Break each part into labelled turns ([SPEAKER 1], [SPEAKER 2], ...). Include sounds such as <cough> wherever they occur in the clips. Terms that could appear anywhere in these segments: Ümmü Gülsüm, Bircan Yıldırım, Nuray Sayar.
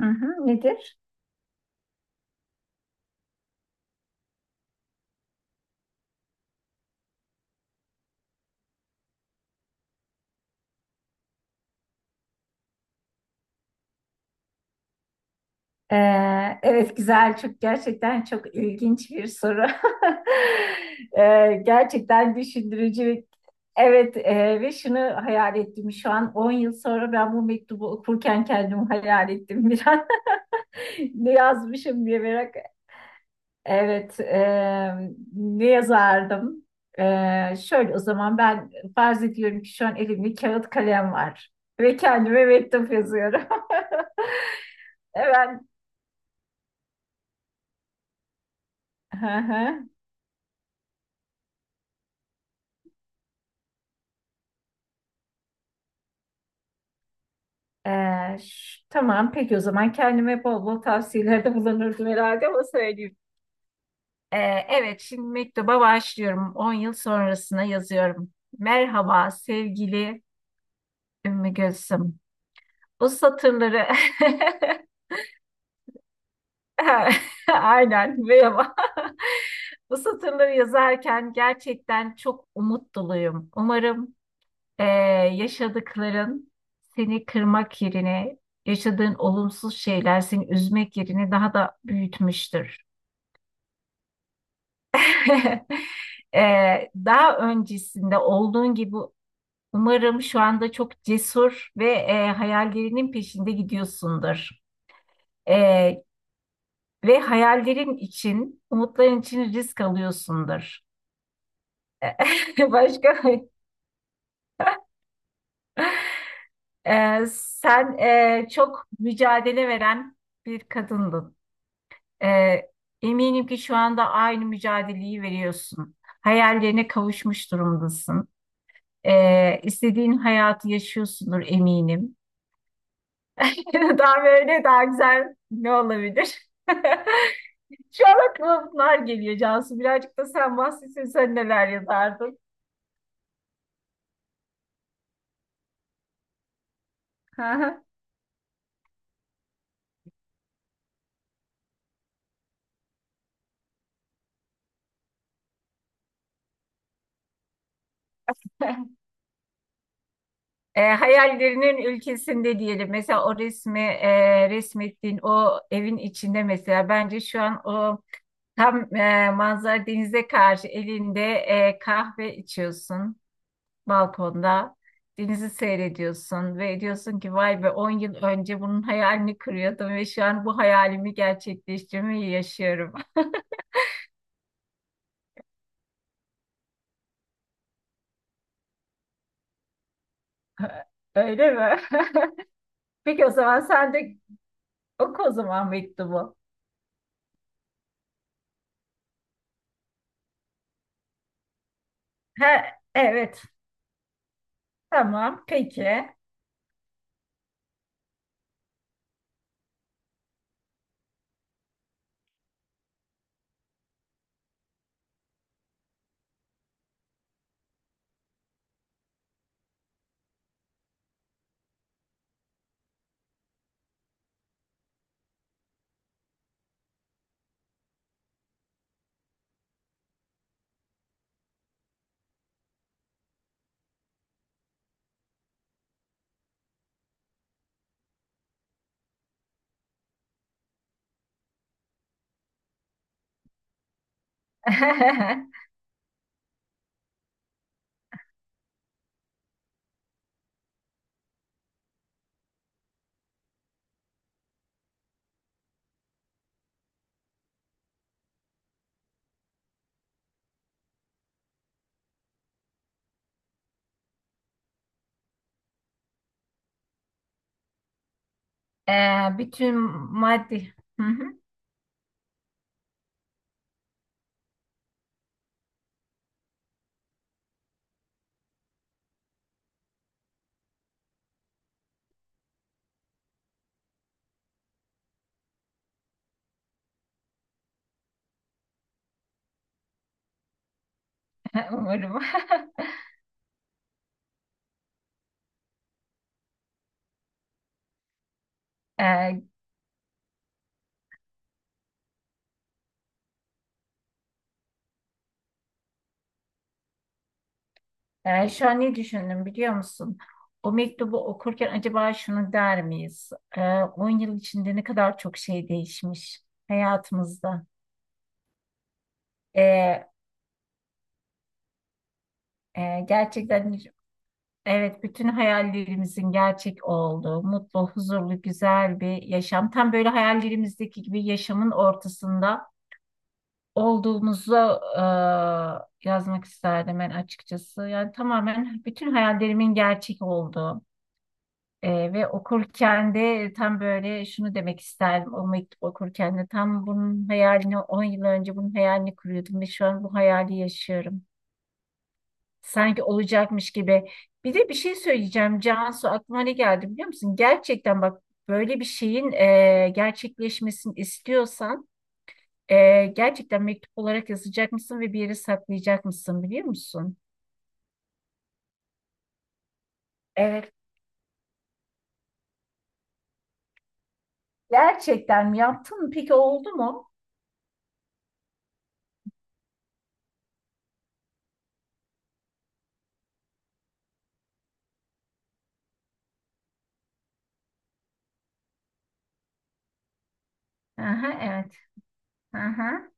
[SPEAKER 1] Hı hı, nedir? Evet, güzel, çok gerçekten çok ilginç bir soru. <laughs> Gerçekten düşündürücü. Evet, ve şunu hayal ettim, şu an 10 yıl sonra ben bu mektubu okurken kendimi hayal ettim bir an. <laughs> Ne yazmışım diye merak. Evet, ne yazardım? Şöyle, o zaman ben farz ediyorum ki şu an elimde kağıt kalem var ve kendime mektup yazıyorum. <laughs> Evet. Hı hı. Tamam, peki, o zaman kendime bol bol tavsiyelerde <laughs> bulunurdum herhalde, ama söyleyeyim. Ee, evet, şimdi mektuba başlıyorum. 10 yıl sonrasına yazıyorum. Merhaba sevgili Ümmü Gülsüm. Bu satırları <laughs> aynen, merhaba. Bu satırları yazarken gerçekten çok umut doluyum. Umarım e, yaşadıkların seni kırmak yerine, yaşadığın olumsuz şeyler seni üzmek yerine daha da büyütmüştür. <laughs> E, Daha öncesinde olduğun gibi umarım şu anda çok cesur ve hayallerinin peşinde gidiyorsundur. E, Ve hayallerin için, umutların için risk alıyorsundur. <laughs> Başka... e, sen, çok mücadele veren bir kadındın. Ee, Eminim ki şu anda aynı mücadeleyi veriyorsun. Hayallerine kavuşmuş durumdasın. İstediğin hayatı yaşıyorsundur, eminim. <laughs> Daha böyle daha güzel ne olabilir? <laughs> Şu an aklıma bunlar geliyor, Cansu. Birazcık da sen bahsetsen, sen neler yazardın? <laughs> Hayallerinin ülkesinde diyelim. Mesela o resmi, resmettiğin o evin içinde mesela, bence şu an o... Tam, manzara denize karşı, elinde kahve içiyorsun balkonda. Denizi seyrediyorsun ve diyorsun ki, vay be, 10 yıl önce bunun hayalini kuruyordum ve şu an bu hayalimi gerçekleştirmeyi yaşıyorum. <laughs> Öyle mi? <laughs> Peki, o zaman sen de oku o zaman mektubu. He, evet, tamam, peki. <laughs> E, Bütün maddi... <laughs> Hı hı. <laughs> Şu an ne düşündüm biliyor musun? O mektubu okurken acaba şunu der miyiz? 10 yıl içinde ne kadar çok şey değişmiş hayatımızda. Ee, Gerçekten, evet, bütün hayallerimizin gerçek olduğu, mutlu, huzurlu, güzel bir yaşam. Tam böyle hayallerimizdeki gibi yaşamın ortasında olduğumuzu e, yazmak isterdim ben, açıkçası. Yani tamamen bütün hayallerimin gerçek olduğu. Ve okurken de tam böyle şunu demek isterdim. O mektup okurken de tam bunun hayalini, 10 yıl önce bunun hayalini kuruyordum ve şu an bu hayali yaşıyorum. Sanki olacakmış gibi. Bir de bir şey söyleyeceğim Cansu, aklıma ne geldi biliyor musun? Gerçekten bak, böyle bir şeyin gerçekleşmesini istiyorsan gerçekten mektup olarak yazacak mısın ve bir yere saklayacak mısın, biliyor musun? Evet. Gerçekten mi yaptın? Peki, oldu mu? Aha, evet. Aha,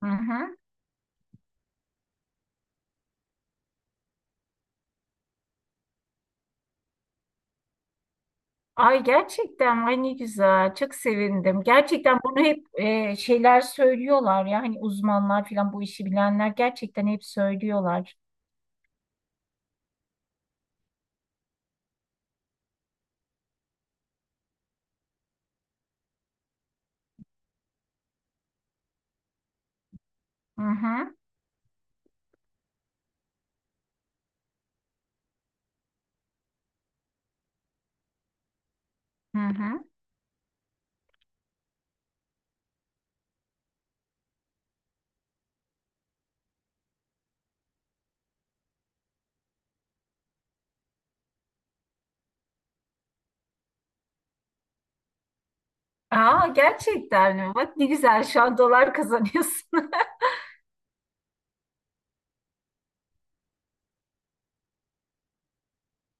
[SPEAKER 1] aha. Ay, gerçekten, ay ne güzel, çok sevindim. Gerçekten bunu hep şeyler söylüyorlar ya, hani uzmanlar falan, bu işi bilenler gerçekten hep söylüyorlar. Hı hı, hı hı. Aa, gerçekten mi? Bak ne güzel, şu an dolar kazanıyorsun. <laughs>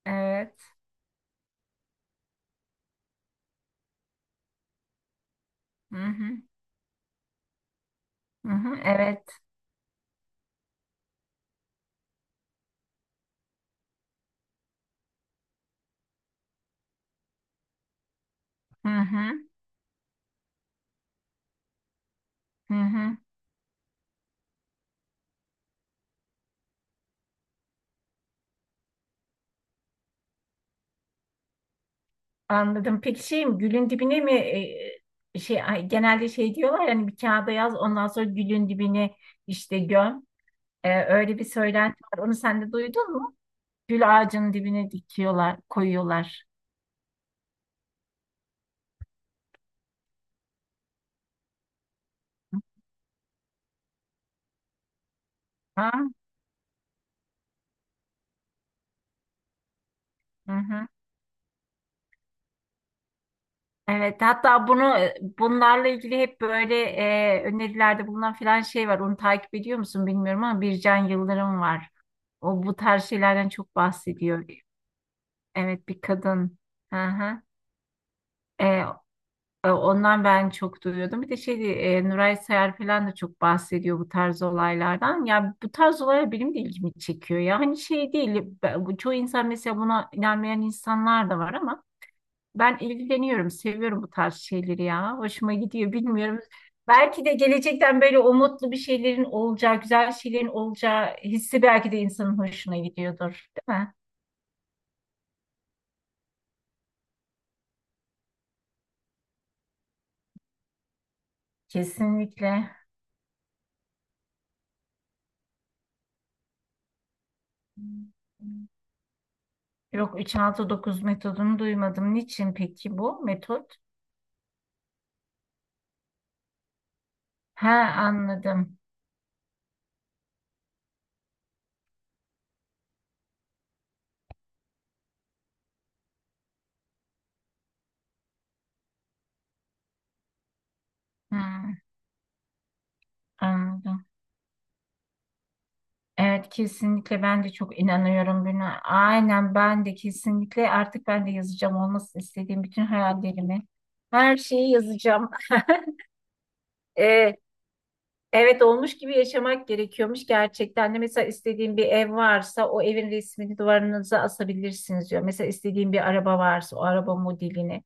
[SPEAKER 1] Evet. Hı hı, hı hı. Evet. Hı hı, hı hı. Anladım. Peki, şey mi, gülün dibine mi, şey, ay, genelde şey diyorlar, yani bir kağıda yaz, ondan sonra gülün dibine işte göm. Öyle bir söylenti var. Onu sen de duydun mu? Gül ağacının dibine dikiyorlar, koyuyorlar. Ha? Hı hı. Evet, hatta bunu, bunlarla ilgili hep böyle önerilerde bulunan filan şey var. Onu takip ediyor musun bilmiyorum ama, Bircan Yıldırım var. O bu tarz şeylerden çok bahsediyor. Evet, bir kadın. Hı hı. E, Ondan ben çok duyuyordum. Bir de şey, Nuray Sayar falan da çok bahsediyor bu tarz olaylardan. Ya, bu tarz olaylar benim de ilgimi çekiyor. Ya, hani şey değil. Bu, çoğu insan mesela, buna inanmayan insanlar da var, ama ben ilgileniyorum, seviyorum bu tarz şeyleri ya. Hoşuma gidiyor, bilmiyorum. Belki de gelecekten böyle umutlu bir şeylerin olacağı, güzel şeylerin olacağı hissi belki de insanın hoşuna gidiyordur, değil mi? Kesinlikle. Yok, 3-6-9 metodunu duymadım. Niçin peki bu metot? Ha, anladım. Hmm, anladım. Evet, kesinlikle ben de çok inanıyorum buna. Aynen, ben de kesinlikle, artık ben de yazacağım olmasını istediğim bütün hayallerimi. Her şeyi yazacağım. <laughs> Evet, olmuş gibi yaşamak gerekiyormuş gerçekten de. Mesela istediğin bir ev varsa, o evin resmini duvarınıza asabilirsiniz diyor. Mesela istediğin bir araba varsa, o araba modelini.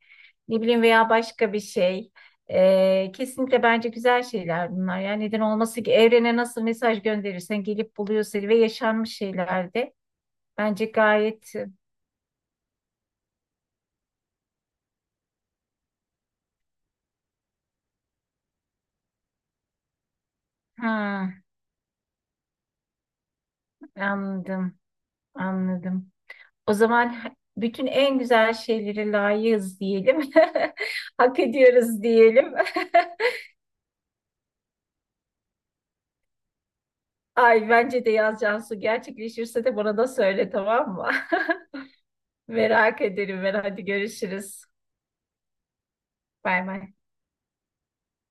[SPEAKER 1] Ne bileyim, veya başka bir şey. Kesinlikle bence güzel şeyler bunlar. Yani neden olması ki, evrene nasıl mesaj gönderirsen gelip buluyor seni, ve yaşanmış şeyler de. Bence gayet... Ha, anladım, anladım. O zaman bütün en güzel şeyleri layığız diyelim. <laughs> Hak ediyoruz diyelim. <laughs> Ay, bence de yaz Cansu, gerçekleşirse de bana da söyle, tamam mı? <laughs> Merak ederim ben. Hadi, görüşürüz. Bay bay.